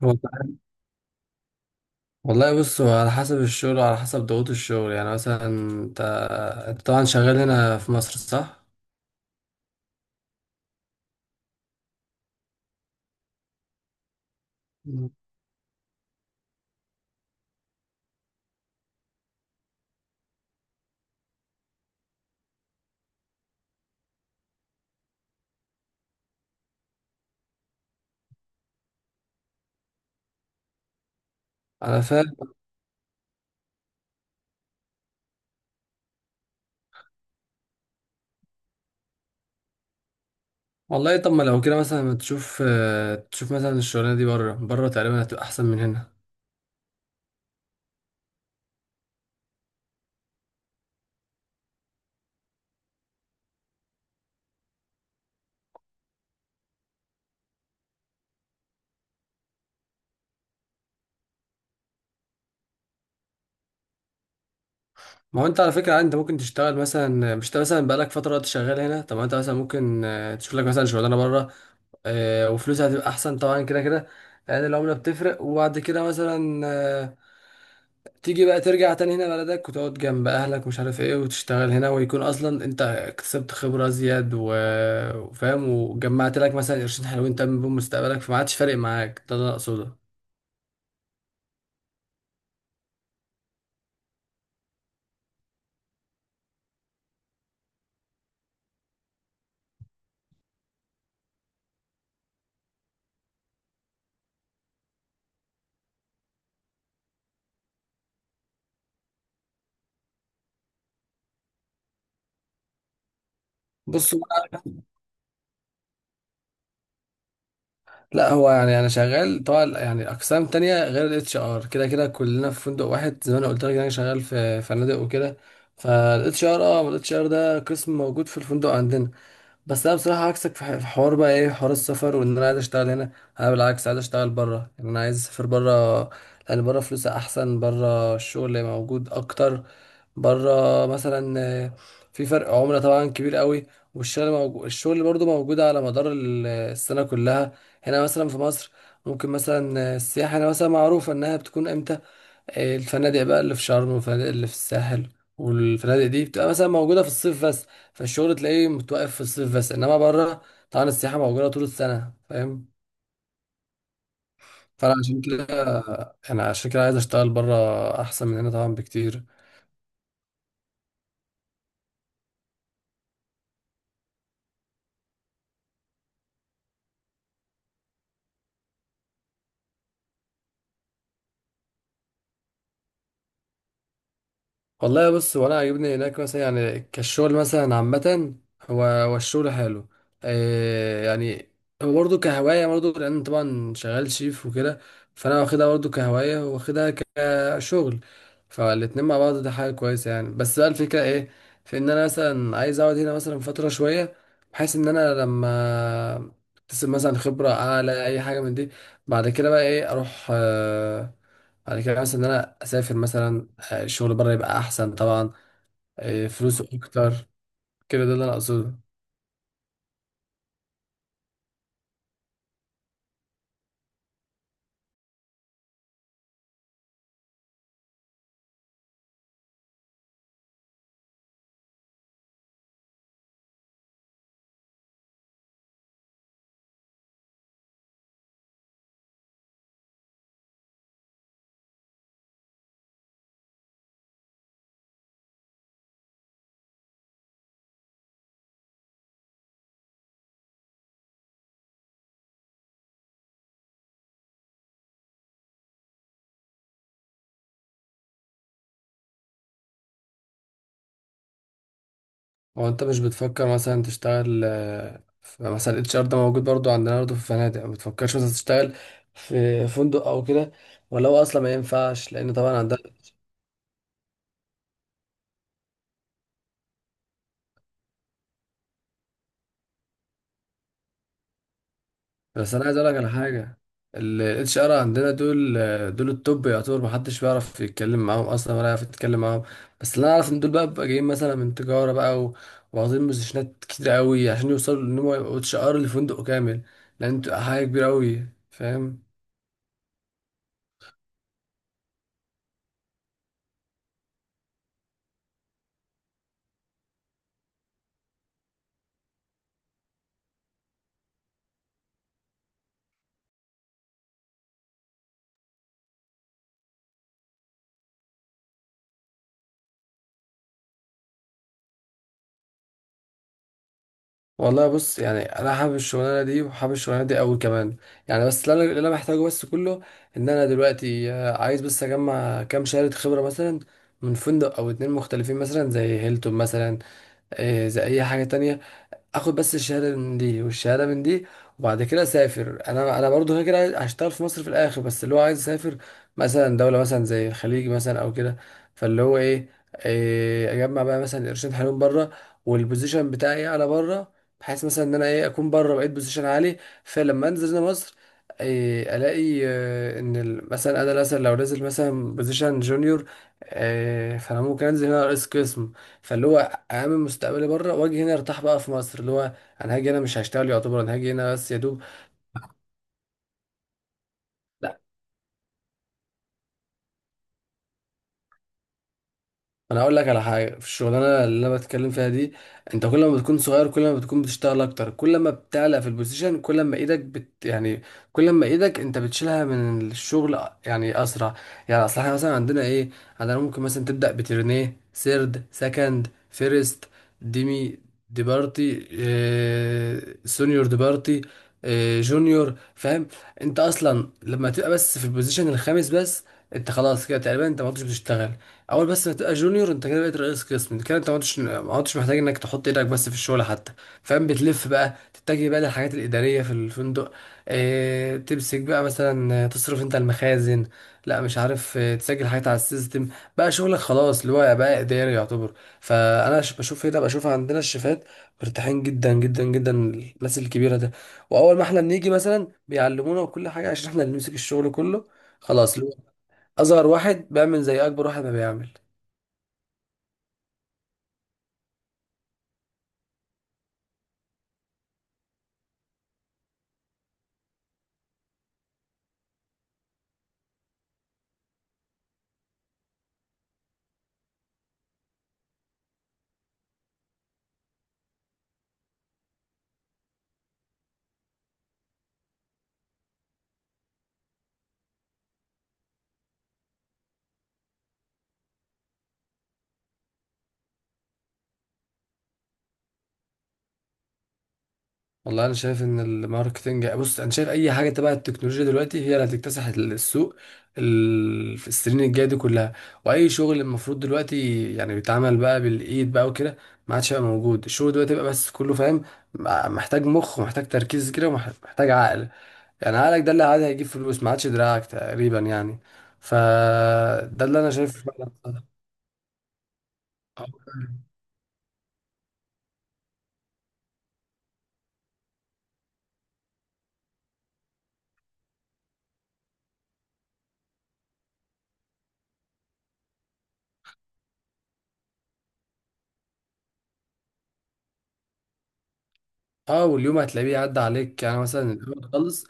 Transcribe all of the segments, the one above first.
والله والله، بص، هو على حسب الشغل وعلى حسب ضغوط الشغل. يعني مثلا انت طبعا شغال هنا في مصر، صح؟ مم. انا فاهم. والله طب ما لو كده مثلا ما تشوف، تشوف مثلا الشغلانه دي بره. تقريبا هتبقى احسن من هنا. ما هو انت على فكره عادي، انت ممكن تشتغل مثلا، مش انت مثلا بقالك فتره وقت شغال هنا؟ طب ما انت مثلا ممكن تشوف لك مثلا شغلانه بره، وفلوسها هتبقى احسن طبعا كده كده، لان العمله بتفرق. وبعد كده مثلا تيجي بقى ترجع تاني هنا بلدك، وتقعد جنب اهلك ومش عارف ايه، وتشتغل هنا، ويكون اصلا انت اكتسبت خبرة زياد وفاهم، وجمعت لك مثلا قرشين حلوين تم بيهم مستقبلك، فما عادش فارق معاك. ده اللي انا اقصده. بص بقى، لا هو يعني انا شغال طبعا يعني اقسام تانية غير الاتش ار. كده كده كلنا في فندق واحد، زي ما انا قلت لك إن انا شغال في فنادق وكده. فالاتش ار، اه الاتش ار ده قسم موجود في الفندق عندنا. بس انا بصراحه عكسك في في حوار بقى، ايه، حوار السفر، وان انا عايز اشتغل هنا. انا بالعكس عايز اشتغل بره، يعني انا عايز اسافر بره، لان بره فلوسها احسن، بره الشغل موجود اكتر. بره مثلا في فرق عمله طبعا كبير قوي. والشغل موجود، الشغل برضو موجود على مدار السنه كلها. هنا مثلا في مصر ممكن مثلا، السياحه هنا مثلا معروفه انها بتكون امتى. الفنادق بقى اللي في شرم، والفنادق اللي في الساحل، والفنادق دي بتبقى مثلا موجودة في الصيف بس. فالشغل تلاقيه متوقف في الصيف بس، انما بره طبعا السياحة موجودة طول السنة. فاهم؟ فانا عشان كده، انا عشان كده عايز اشتغل بره، احسن من هنا طبعا بكتير. والله بص، وانا عاجبني هناك مثلا يعني، كالشغل مثلا عامة، هو الشغل حلو آه يعني، هو برضه كهواية، برضه لأن طبعا شغال شيف وكده. فأنا واخدها برضه كهواية، واخدها كشغل، فالاتنين مع بعض ده حاجة كويسة يعني. بس بقى الفكرة ايه، في إن أنا مثلا عايز أقعد هنا مثلا فترة شوية، بحيث إن أنا لما أكتسب مثلا خبرة أعلى أي حاجة من دي، بعد كده بقى ايه، أروح آه، بعد كده مثلا ان انا اسافر مثلا، الشغل بره يبقى احسن طبعا، فلوسه اكتر كده. ده اللي انا اقصده. هو انت مش بتفكر مثلا تشتغل مثلا الاتش ار ده موجود برضو عندنا برضو في الفنادق؟ ما بتفكرش مثلا تشتغل في فندق او كده؟ ولا هو اصلا ما ينفعش لان طبعا عندنا، بس انا عايز اقول لك على حاجه. الاتش ار عندنا دول التوب يعتبر، محدش بيعرف يتكلم معاهم اصلا، ولا يعرف يتكلم معاهم. بس اللي انا اعرف ان دول بقى بيبقى جايين مثلا من تجاره بقى واخدين بوزيشنات كتير قوي عشان يوصلوا ان هم يبقوا اتش ار لفندق كامل، لان بتبقى حاجه كبيره قوي. فاهم؟ والله بص، يعني انا حابب الشغلانه دي، وحابب الشغلانه دي قوي كمان يعني. بس اللي انا محتاجه بس كله، ان انا دلوقتي عايز بس اجمع كام شهاده خبره مثلا من فندق او اتنين مختلفين، مثلا زي هيلتون مثلا، إيه، زي اي حاجه تانية. اخد بس الشهاده من دي والشهاده من دي، وبعد كده اسافر. انا برضو كده كده هشتغل في مصر في الاخر، بس اللي هو عايز اسافر مثلا دوله مثلا زي الخليج مثلا او كده. فاللي هو ايه، إيه، اجمع بقى مثلا قرشين حلوين بره، والبوزيشن بتاعي انا بره، بحيث مثلا ان انا ايه، اكون بره بقيت بوزيشن عالي. فلما انزل هنا مصر، إيه، الاقي ان مثلا انا مثلا لو نازل مثلا بوزيشن جونيور، إيه، فانا ممكن انزل هنا رئيس قسم. فاللي هو اعمل مستقبلي بره واجي هنا ارتاح بقى في مصر. اللي هو انا هاجي هنا مش هشتغل، يعتبر انا هاجي هنا بس يا دوب. انا اقول لك على حاجه، في الشغلانه اللي انا بتكلم فيها دي، انت كل ما بتكون صغير، كل ما بتكون بتشتغل اكتر. كل ما بتعلى في البوزيشن، كل ما ايدك يعني، كل ما ايدك انت بتشيلها من الشغل، يعني اسرع. يعني اصل احنا مثلا عندنا ايه، عندنا ممكن مثلا تبدا بترنيه، سيرد، سكند، فيرست، ديمي، ديبارتي، سونيور ديبارتي، جونيور. فاهم؟ انت اصلا لما تبقى بس في البوزيشن الخامس بس، انت خلاص كده تقريبا انت ما عدتش بتشتغل. اول بس ما تبقى جونيور، انت كده بقيت رئيس قسم، انت كده انت ما عدتش محتاج انك تحط ايدك بس في الشغل حتى. فاهم؟ بتلف بقى تتجه بقى للحاجات الاداريه في الفندق. اه، تمسك بقى مثلا، تصرف انت المخازن، لا مش عارف، تسجل حاجات على السيستم، بقى شغلك خلاص اللي هو بقى اداري يعتبر. بشوف هنا، بشوف عندنا الشيفات مرتاحين جدا جدا جدا، الناس الكبيره ده. واول ما احنا بنيجي مثلا بيعلمونا وكل حاجه، عشان احنا اللي نمسك الشغل كله. خلاص، اللي هو اصغر واحد بيعمل زي اكبر واحد ما بيعمل. والله انا شايف ان الماركتنج، بص، انا شايف اي حاجه تبع التكنولوجيا دلوقتي هي اللي هتكتسح السوق، في السنين الجايه دي كلها. واي شغل المفروض دلوقتي يعني بيتعمل بقى بالايد بقى وكده، ما عادش هيبقى موجود. الشغل دلوقتي بقى بس كله فاهم، محتاج مخ، ومحتاج تركيز كده، ومحتاج عقل. يعني عقلك ده اللي عاد هيجيب فلوس، ما عادش دراعك تقريبا يعني. فده اللي انا شايفه فعلا. اه، واليوم هتلاقيه عدى عليك يعني. مثلا اليوم خلص،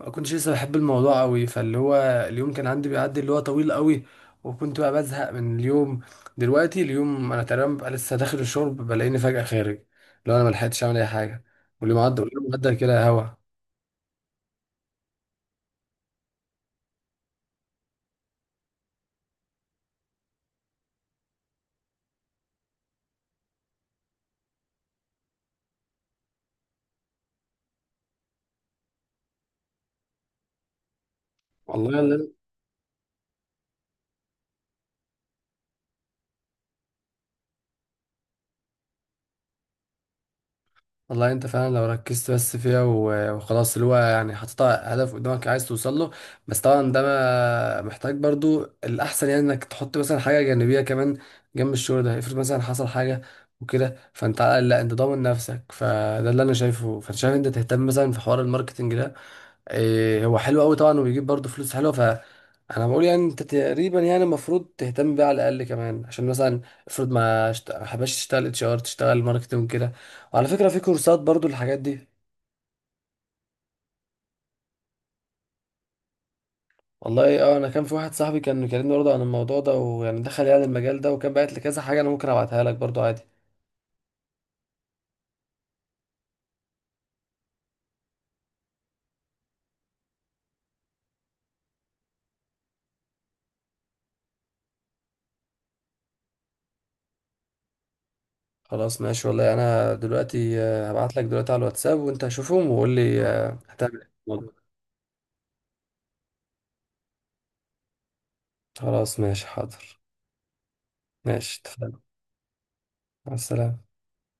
ما كنتش لسه بحب الموضوع قوي، فاللي هو اليوم كان عندي بيعدي اللي هو طويل قوي، وكنت بقى بزهق من اليوم. دلوقتي اليوم انا تقريبا ببقى لسه داخل الشرب، بلاقيني فجأة خارج، لو انا ما لحقتش اعمل اي حاجه. واليوم عدى، واليوم عدى كده هوا. والله والله انت فعلا لو ركزت بس فيها وخلاص، اللي هو يعني حطيت هدف قدامك عايز توصل له. بس طبعا ده ما محتاج برضو، الاحسن يعني انك تحط مثلا حاجه جانبيه كمان جنب الشغل ده، افرض مثلا حصل حاجه وكده، فانت على الأقل لا، انت ضامن نفسك. فده اللي انا شايفه. فانت شايف انت تهتم مثلا في حوار الماركتنج ده، إيه، هو حلو قوي طبعا، وبيجيب برضه فلوس حلوه. فانا بقول يعني انت تقريبا يعني المفروض تهتم بيه على الاقل كمان، عشان مثلا افرض ما حباش تشتغل اتش ار، تشتغل ماركتنج كده. وعلى فكره في كورسات برضه الحاجات دي. والله اه، انا كان في واحد صاحبي كان بيكلمني برضه عن الموضوع ده، ويعني دخل يعني المجال ده، وكان بعت لي كذا حاجه. انا ممكن ابعتها لك برضه عادي. خلاص ماشي، والله انا دلوقتي هبعت لك دلوقتي على الواتساب، وانت شوفهم وقول لي هتعمل ايه في الموضوع ده. خلاص ماشي، حاضر. ماشي اتفقنا. مع السلامه.